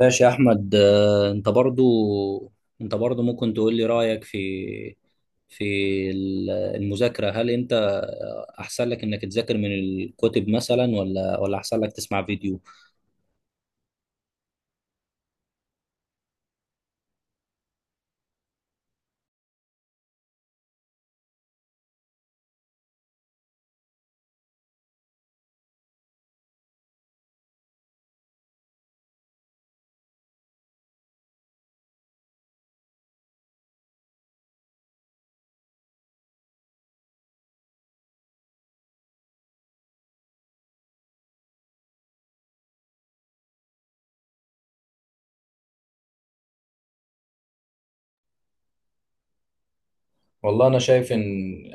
ماشي يا احمد انت برضو انت برضو ممكن تقول لي رايك في في المذاكره. هل انت احسن لك انك تذاكر من الكتب مثلا ولا احسن لك تسمع فيديو؟ والله انا شايف ان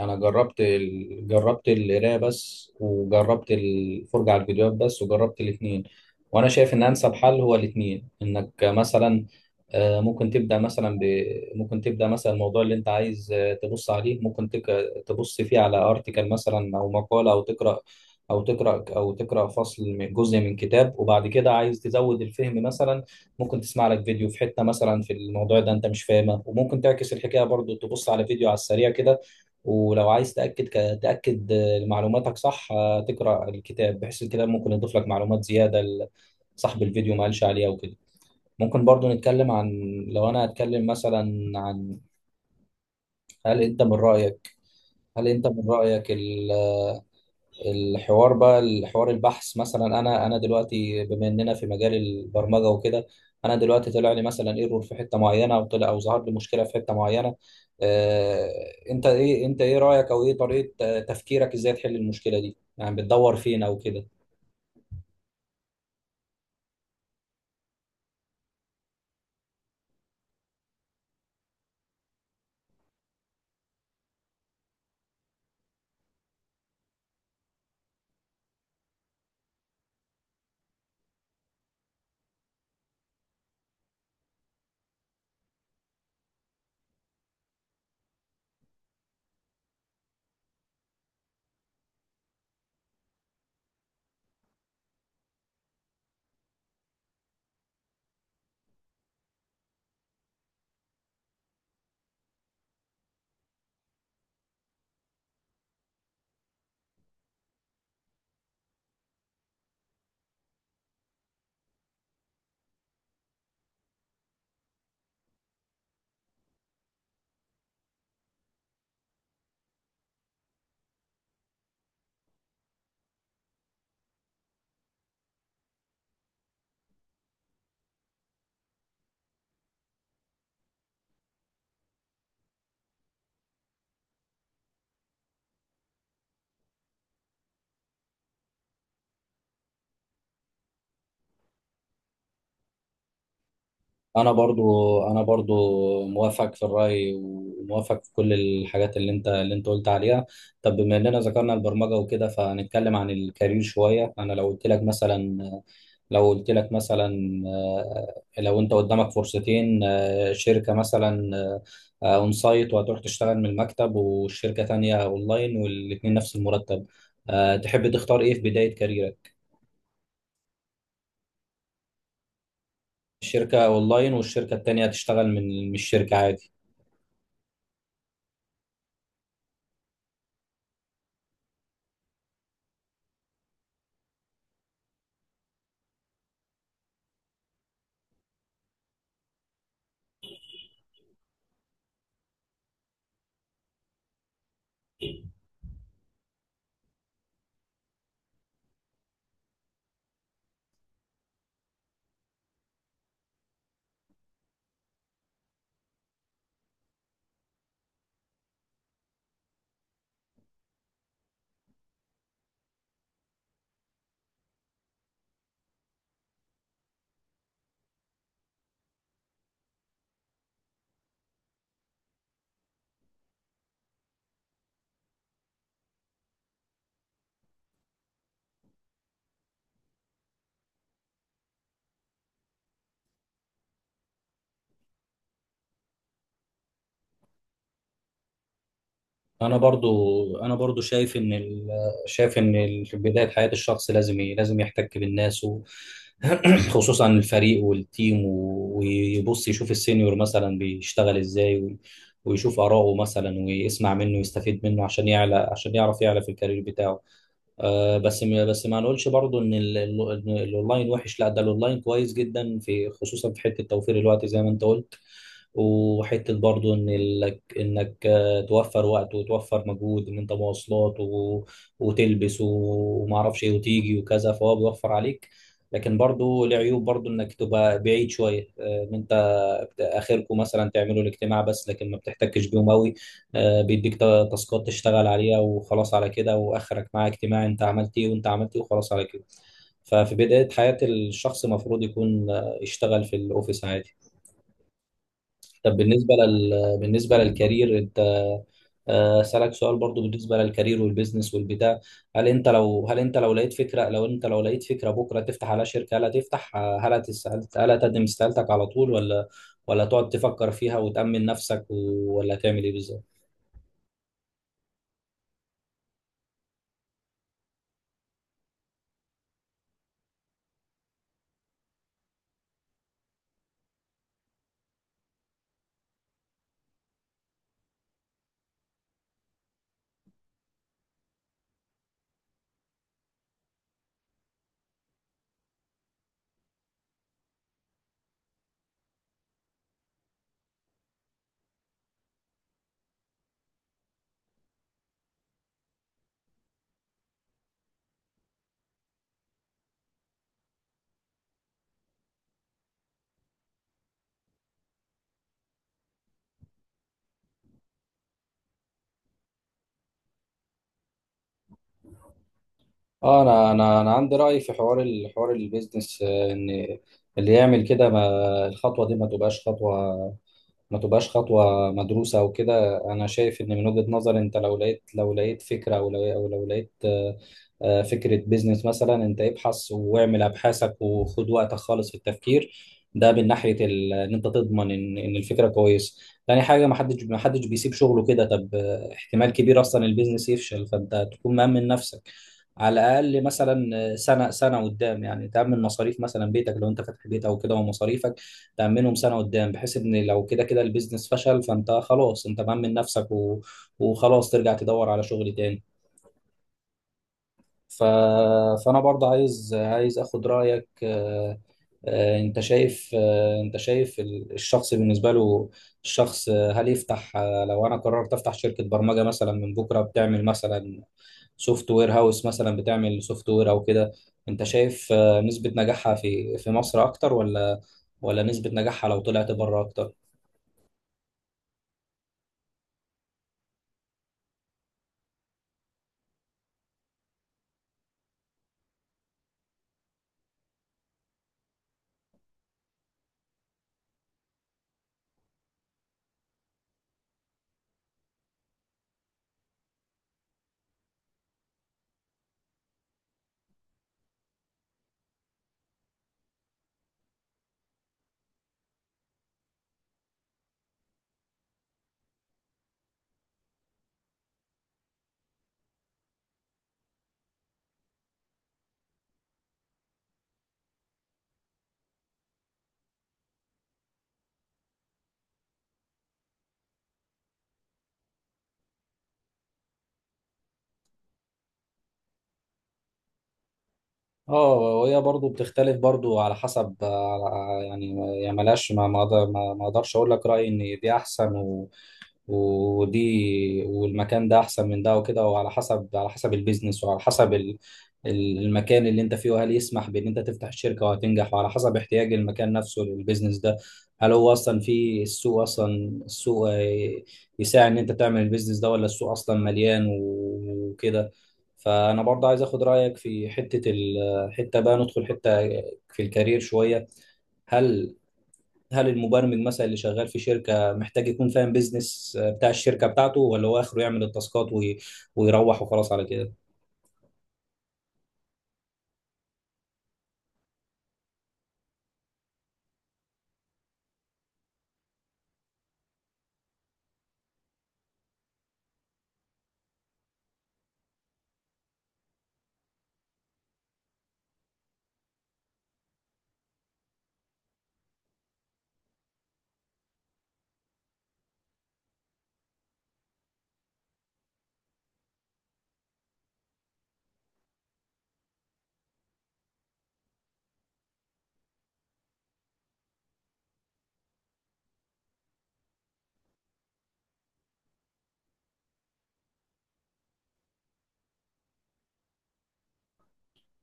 جربت القرايه بس، وجربت الفرجه على الفيديوهات بس، وجربت الاثنين. وانا شايف ان انسب حل هو الاثنين. انك مثلا ممكن ممكن تبدا مثلا الموضوع اللي انت عايز تبص عليه، تبص فيه على ارتكل مثلا او مقاله، او تقرا او تقرا فصل من جزء من كتاب، وبعد كده عايز تزود الفهم مثلا ممكن تسمع لك فيديو في حتة مثلا في الموضوع ده انت مش فاهمه. وممكن تعكس الحكاية برضو، تبص على فيديو على السريع كده. ولو عايز تأكد معلوماتك صح، تقرأ الكتاب بحيث الكتاب ممكن يضيف لك معلومات زيادة صاحب الفيديو ما قالش عليها وكده. ممكن برضو نتكلم عن لو انا هتكلم مثلا عن هل انت من رأيك، هل انت من رأيك ال الحوار بقى، الحوار البحث مثلا. انا دلوقتي بما اننا في مجال البرمجه وكده، انا دلوقتي طلع لي مثلا ايرور في حته معينه، او طلع او ظهر لي مشكله في حته معينه. آه انت ايه رايك او ايه طريقه تفكيرك، ازاي تحل المشكله دي؟ يعني بتدور فين او كده؟ انا برضو انا برضو موافق في الرأي، وموافق في كل الحاجات اللي انت قلت عليها. طب بما اننا ذكرنا البرمجة وكده، فنتكلم عن الكارير شوية. انا لو قلت لك مثلا لو انت قدامك فرصتين، شركة مثلا اون سايت وهتروح تشتغل من المكتب، والشركة تانية اونلاين، والاتنين نفس المرتب، تحب تختار ايه في بداية كاريرك؟ الشركة اونلاين، والشركة التانية هتشتغل من الشركة عادي. انا برضو شايف ان في بدايه حياه الشخص لازم لازم يحتك بالناس و... خصوصا الفريق والتيم، و... ويبص يشوف السينيور مثلا بيشتغل ازاي و... ويشوف اراءه مثلا، ويسمع منه ويستفيد منه عشان يعلى، عشان يعرف يعلى في الكارير بتاعه. بس ما نقولش برضو ان إن الاونلاين وحش، لا ده الاونلاين كويس جدا، في خصوصا في حته توفير الوقت زي ما انت قلت. وحته برضو ان لك انك توفر وقت وتوفر مجهود ان انت مواصلات و... وتلبس وما اعرفش ايه وتيجي وكذا، فهو بيوفر عليك. لكن برضو له عيوب، برضو انك تبقى بعيد شويه، ان انت اخركم مثلا تعملوا الاجتماع بس، لكن ما بتحتكش بيهم قوي. بيديك تاسكات تشتغل عليها وخلاص على كده، واخرك معاه اجتماع انت عملت ايه وانت عملت ايه وخلاص على كده. ففي بداية حياة الشخص المفروض يكون يشتغل في الاوفيس عادي. طب بالنسبة بالنسبة للكارير، انت أسألك سؤال برضو بالنسبة للكارير والبيزنس والبتاع. هل انت لو لقيت فكرة، لو انت لو لقيت فكرة بكرة تفتح على شركة، هل هتفتح هل هتقدم استقالتك على طول، ولا تقعد تفكر فيها وتأمن نفسك ولا تعمل ايه بالظبط؟ اه انا عندي راي في حوار الحوار البيزنس، ان اللي يعمل كده ما الخطوه دي ما تبقاش خطوه، ما تبقاش خطوة مدروسة أو كده. أنا شايف إن من وجهة نظري أنت لو لقيت فكرة، أو لو لقيت فكرة بيزنس مثلا، أنت ابحث واعمل أبحاثك وخد وقتك خالص في التفكير. ده من ناحية إن أنت تضمن إن الفكرة كويسة. تاني حاجة، ما حدش بيسيب شغله كده. طب احتمال كبير أصلا البيزنس يفشل، فأنت تكون مأمن نفسك. على الأقل مثلا سنة قدام يعني، تأمن مصاريف مثلا بيتك لو أنت فاتح بيت أو كده، ومصاريفك تأمنهم سنة قدام، بحيث إن لو كده كده البيزنس فشل فأنت خلاص أنت مأمن نفسك و... وخلاص ترجع تدور على شغل تاني. ف... فأنا برضه عايز أخد رأيك. أنت شايف الشخص بالنسبة له، الشخص هل يفتح، لو أنا قررت أفتح شركة برمجة مثلا من بكرة، بتعمل مثلا سوفت وير هاوس مثلا، بتعمل سوفت وير أو كده، أنت شايف نسبة نجاحها في مصر أكتر، ولا نسبة نجاحها لو طلعت بره أكتر؟ اه، وهي برضو بتختلف برضو على حسب يعني، يعني ملهاش ما ما أقدر- ما ما اقدرش اقول لك رايي ان دي احسن، ودي والمكان ده احسن من ده وكده. وعلى حسب على حسب البيزنس، وعلى حسب المكان اللي انت فيه، وهل يسمح بان انت تفتح الشركه وهتنجح، وعلى حسب احتياج المكان نفسه للبيزنس ده. هل هو اصلا في السوق، اصلا السوق يساعد ان انت تعمل البيزنس ده، ولا السوق اصلا مليان وكده؟ فانا برضه عايز اخد رايك في حته، حته بقى ندخل حته في الكارير شويه. هل هل المبرمج مثلا اللي شغال في شركه محتاج يكون فاهم بيزنس بتاع الشركه بتاعته، ولا هو اخره يعمل التاسكات ويروح وخلاص على كده؟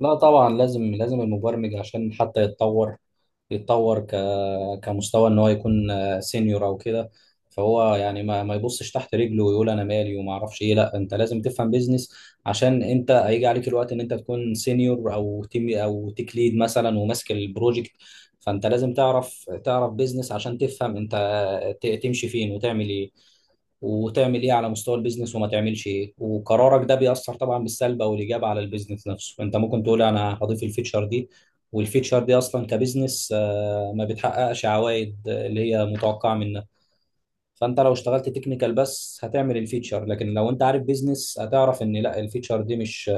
لا طبعا لازم، لازم المبرمج عشان حتى يتطور، يتطور كمستوى ان هو يكون سينيور او كده. فهو يعني ما يبصش تحت رجله ويقول انا مالي وما اعرفش ايه. لا انت لازم تفهم بيزنس، عشان انت هيجي عليك الوقت ان انت تكون سينيور او تيم او تيك ليد مثلا وماسك البروجكت. فانت لازم تعرف بيزنس، عشان تفهم انت تمشي فين وتعمل ايه، وتعمل ايه على مستوى البيزنس، وما تعملش ايه. وقرارك ده بيأثر طبعا بالسلب او الايجاب على البيزنس نفسه. انت ممكن تقول انا هضيف الفيتشر دي، والفيتشر دي اصلا كبيزنس ما بتحققش عوائد اللي هي متوقعه منها. فانت لو اشتغلت تكنيكال بس هتعمل الفيتشر، لكن لو انت عارف بيزنس هتعرف ان لا، الفيتشر دي مش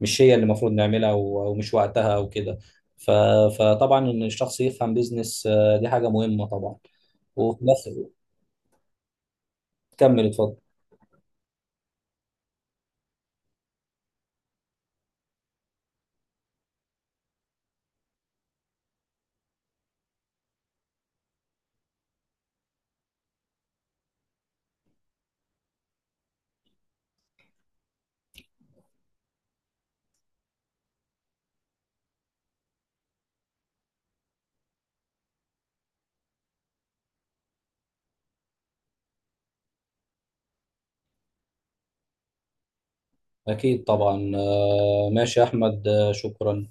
مش هي اللي المفروض نعملها، ومش وقتها او كده. ف- فطبعا ان الشخص يفهم بيزنس، دي حاجه مهمه طبعا. وفي الاخر كمل اتفضل. أكيد طبعا ماشي يا أحمد، شكرا.